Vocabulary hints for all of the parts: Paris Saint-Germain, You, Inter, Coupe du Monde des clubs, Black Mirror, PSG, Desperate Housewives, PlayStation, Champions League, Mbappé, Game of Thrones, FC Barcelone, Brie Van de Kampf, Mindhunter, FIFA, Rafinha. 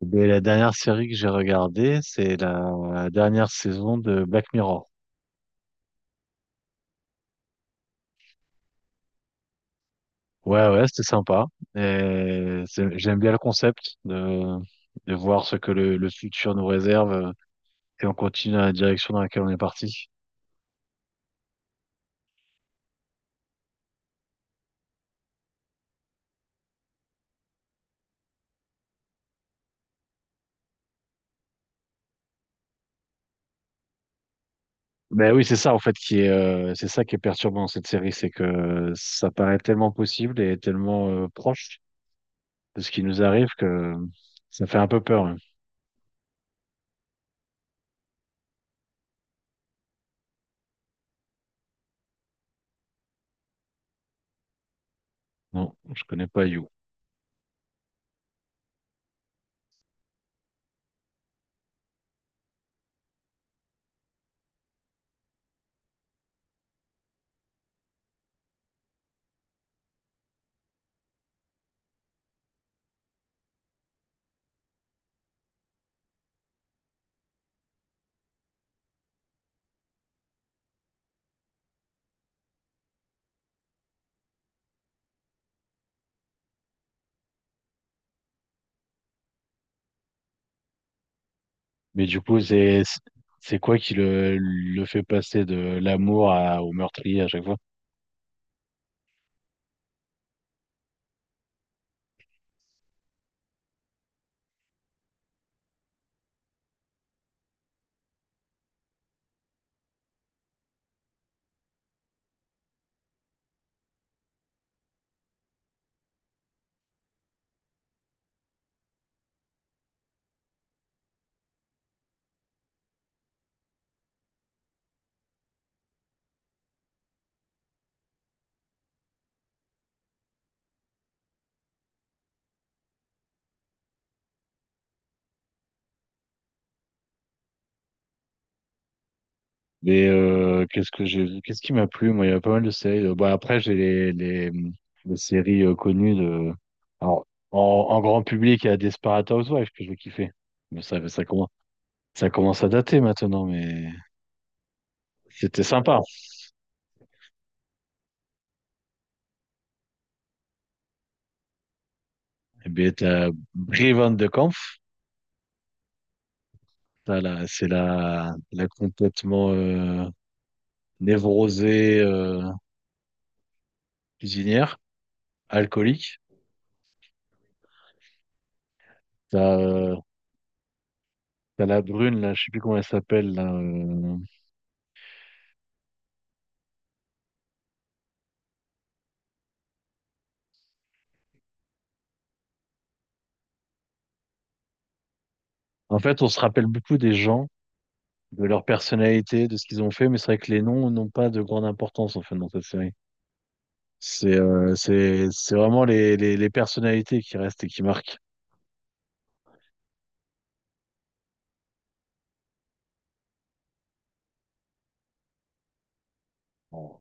Eh bien, la dernière série que j'ai regardée, c'est la dernière saison de Black Mirror. Ouais, ouais, c'était sympa. J'aime bien le concept de voir ce que le futur nous réserve, et on continue dans la direction dans laquelle on est parti. Ben oui, c'est ça en fait qui est, c'est ça qui est perturbant dans cette série, c'est que ça paraît tellement possible et tellement proche de ce qui nous arrive que ça fait un peu peur, hein. Non, je connais pas You. Mais du coup, c'est quoi qui le fait passer de l'amour à, au meurtrier à chaque fois? Mais qu'est-ce que j'ai vu? Qu'est-ce qui m'a plu? Moi, il y a pas mal de séries. Bon, après, j'ai les séries connues de. Alors, en, en grand public, il y a Desperate Housewives que je vais kiffer. Mais ça commence à dater maintenant, mais c'était sympa. Et bien, t'as Brie Van de Kampf. C'est la complètement névrosée, cuisinière, alcoolique. T'as euh, T'as la brune, là, je sais plus comment elle s'appelle là, En fait, on se rappelle beaucoup des gens, de leur personnalité, de ce qu'ils ont fait, mais c'est vrai que les noms n'ont pas de grande importance, en fait, dans cette série. C'est vraiment les personnalités qui restent et qui marquent. Bon.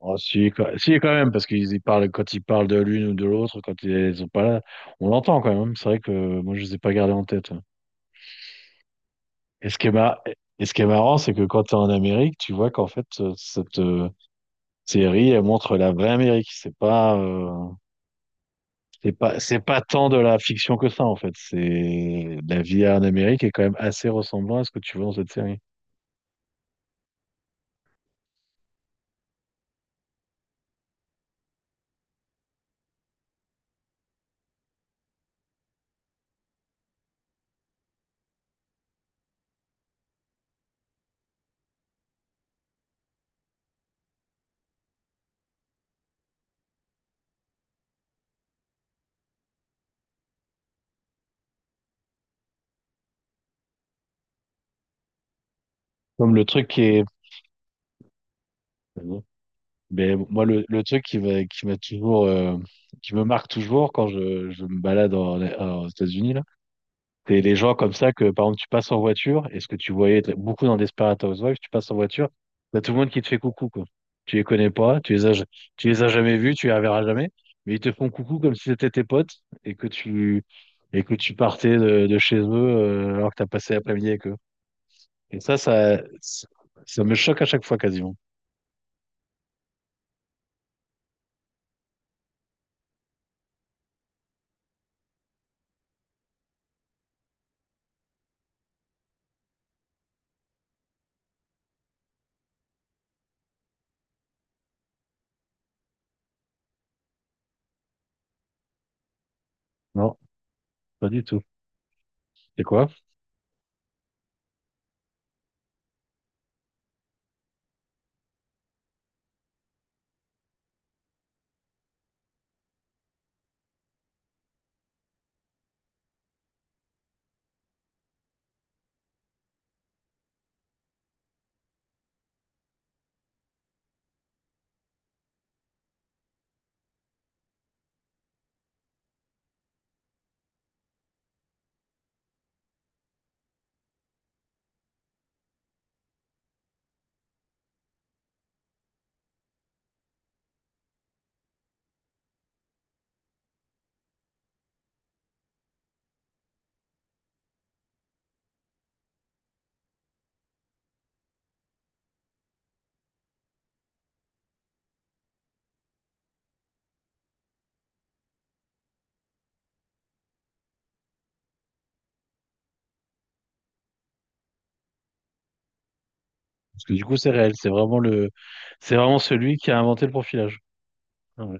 Oh, si, si, quand même, parce qu'ils y parlent, quand ils parlent de l'une ou de l'autre, quand ils sont pas là, on l'entend quand même. C'est vrai que moi, je les ai pas gardés en tête, ouais. Et ce qui est mar- et ce qui est marrant, c'est que quand tu es en Amérique, tu vois qu'en fait, cette série, elle montre la vraie Amérique. C'est pas tant de la fiction que ça, en fait. C'est la vie en Amérique est quand même assez ressemblant à ce que tu vois dans cette série. Comme le truc qui est, Mais moi le truc qui m'a toujours, qui me marque toujours quand je me balade aux États-Unis là. C'est les gens comme ça que, par exemple, tu passes en voiture, et ce que tu voyais t- beaucoup dans Desperate Housewives, tu passes en voiture, t'as tout le monde qui te fait coucou, quoi. Tu les connais pas, tu les as jamais vus, tu les reverras jamais, mais ils te font coucou comme si c'était tes potes et que et que tu partais de chez eux, alors que t'as passé l'après-midi avec eux. Et ça me choque à chaque fois quasiment. Non, pas du tout. C'est quoi? Parce que du coup, c'est réel. C'est vraiment celui qui a inventé le profilage. Ah ouais.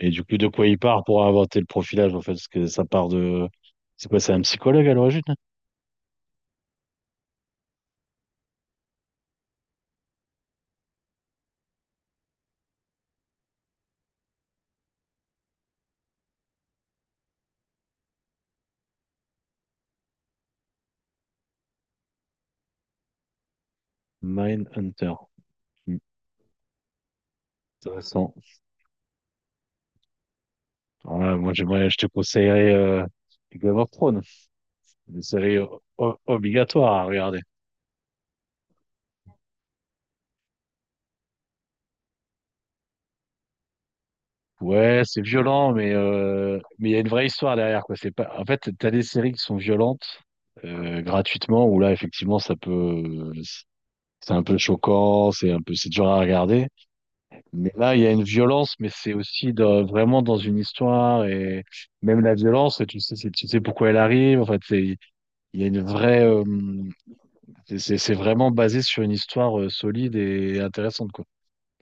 Et du coup, de quoi il part pour inventer le profilage, en fait, parce que ça part de, c'est quoi, c'est un psychologue à l'origine, hein? Mindhunter. Hmm, intéressant. Alors là, moi, je te conseillerais, Game of Thrones. Une série obligatoire à regarder. Ouais, c'est violent, mais il y a une vraie histoire derrière, quoi. C'est pas, en fait, t'as des séries qui sont violentes, gratuitement, où là, effectivement, ça peut, c'est un peu choquant, c'est un peu, c'est dur à regarder. Mais là, il y a une violence, mais vraiment dans une histoire, et même la violence, tu sais, tu sais pourquoi elle arrive. En fait, c'est, il y a une vraie, c'est vraiment basé sur une histoire solide et intéressante, quoi.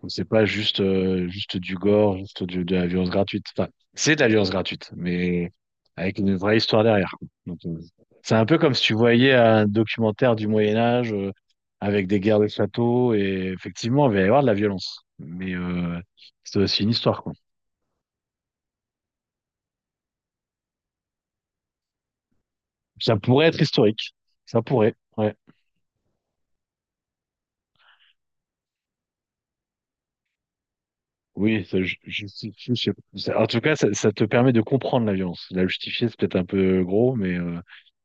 C'est pas juste, juste du gore, de la violence gratuite. Enfin, c'est de la violence gratuite, mais avec une vraie histoire derrière. Donc, c'est un peu comme si tu voyais un documentaire du Moyen Âge, avec des guerres de châteaux et effectivement, il va y avoir de la violence. Mais c'est aussi une histoire, quoi. Ça pourrait être historique. Ça pourrait, ouais. Oui, justifie, je sais pas. Ça- En tout cas, ça te permet de comprendre la violence. La justifier, c'est peut-être un peu gros, mais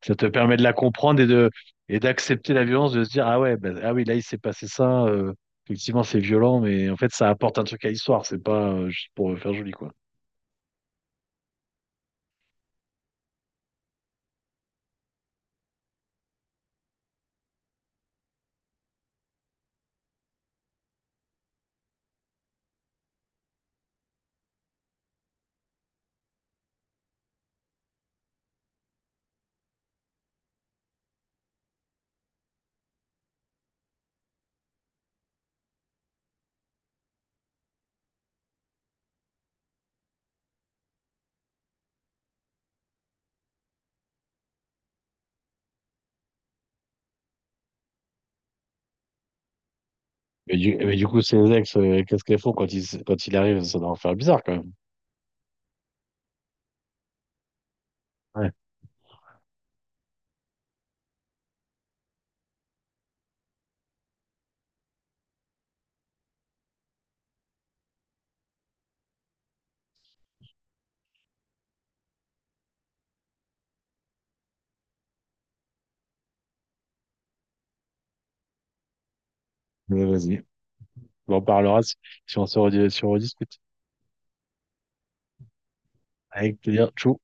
ça te permet de la comprendre et de et d'accepter la violence, de se dire, ah ouais, bah, ah oui, là, il s'est passé ça. Effectivement, c'est violent, mais en fait, ça apporte un truc à l'histoire. C'est pas juste pour faire joli, quoi. Mais du coup, ces ex, qu'est-ce qu'elles font quand quand il arrive? Ça doit en faire bizarre, quand même. Ouais, mais vas-y. On en parlera si on si on rediscute. Avec plaisir. Tchou.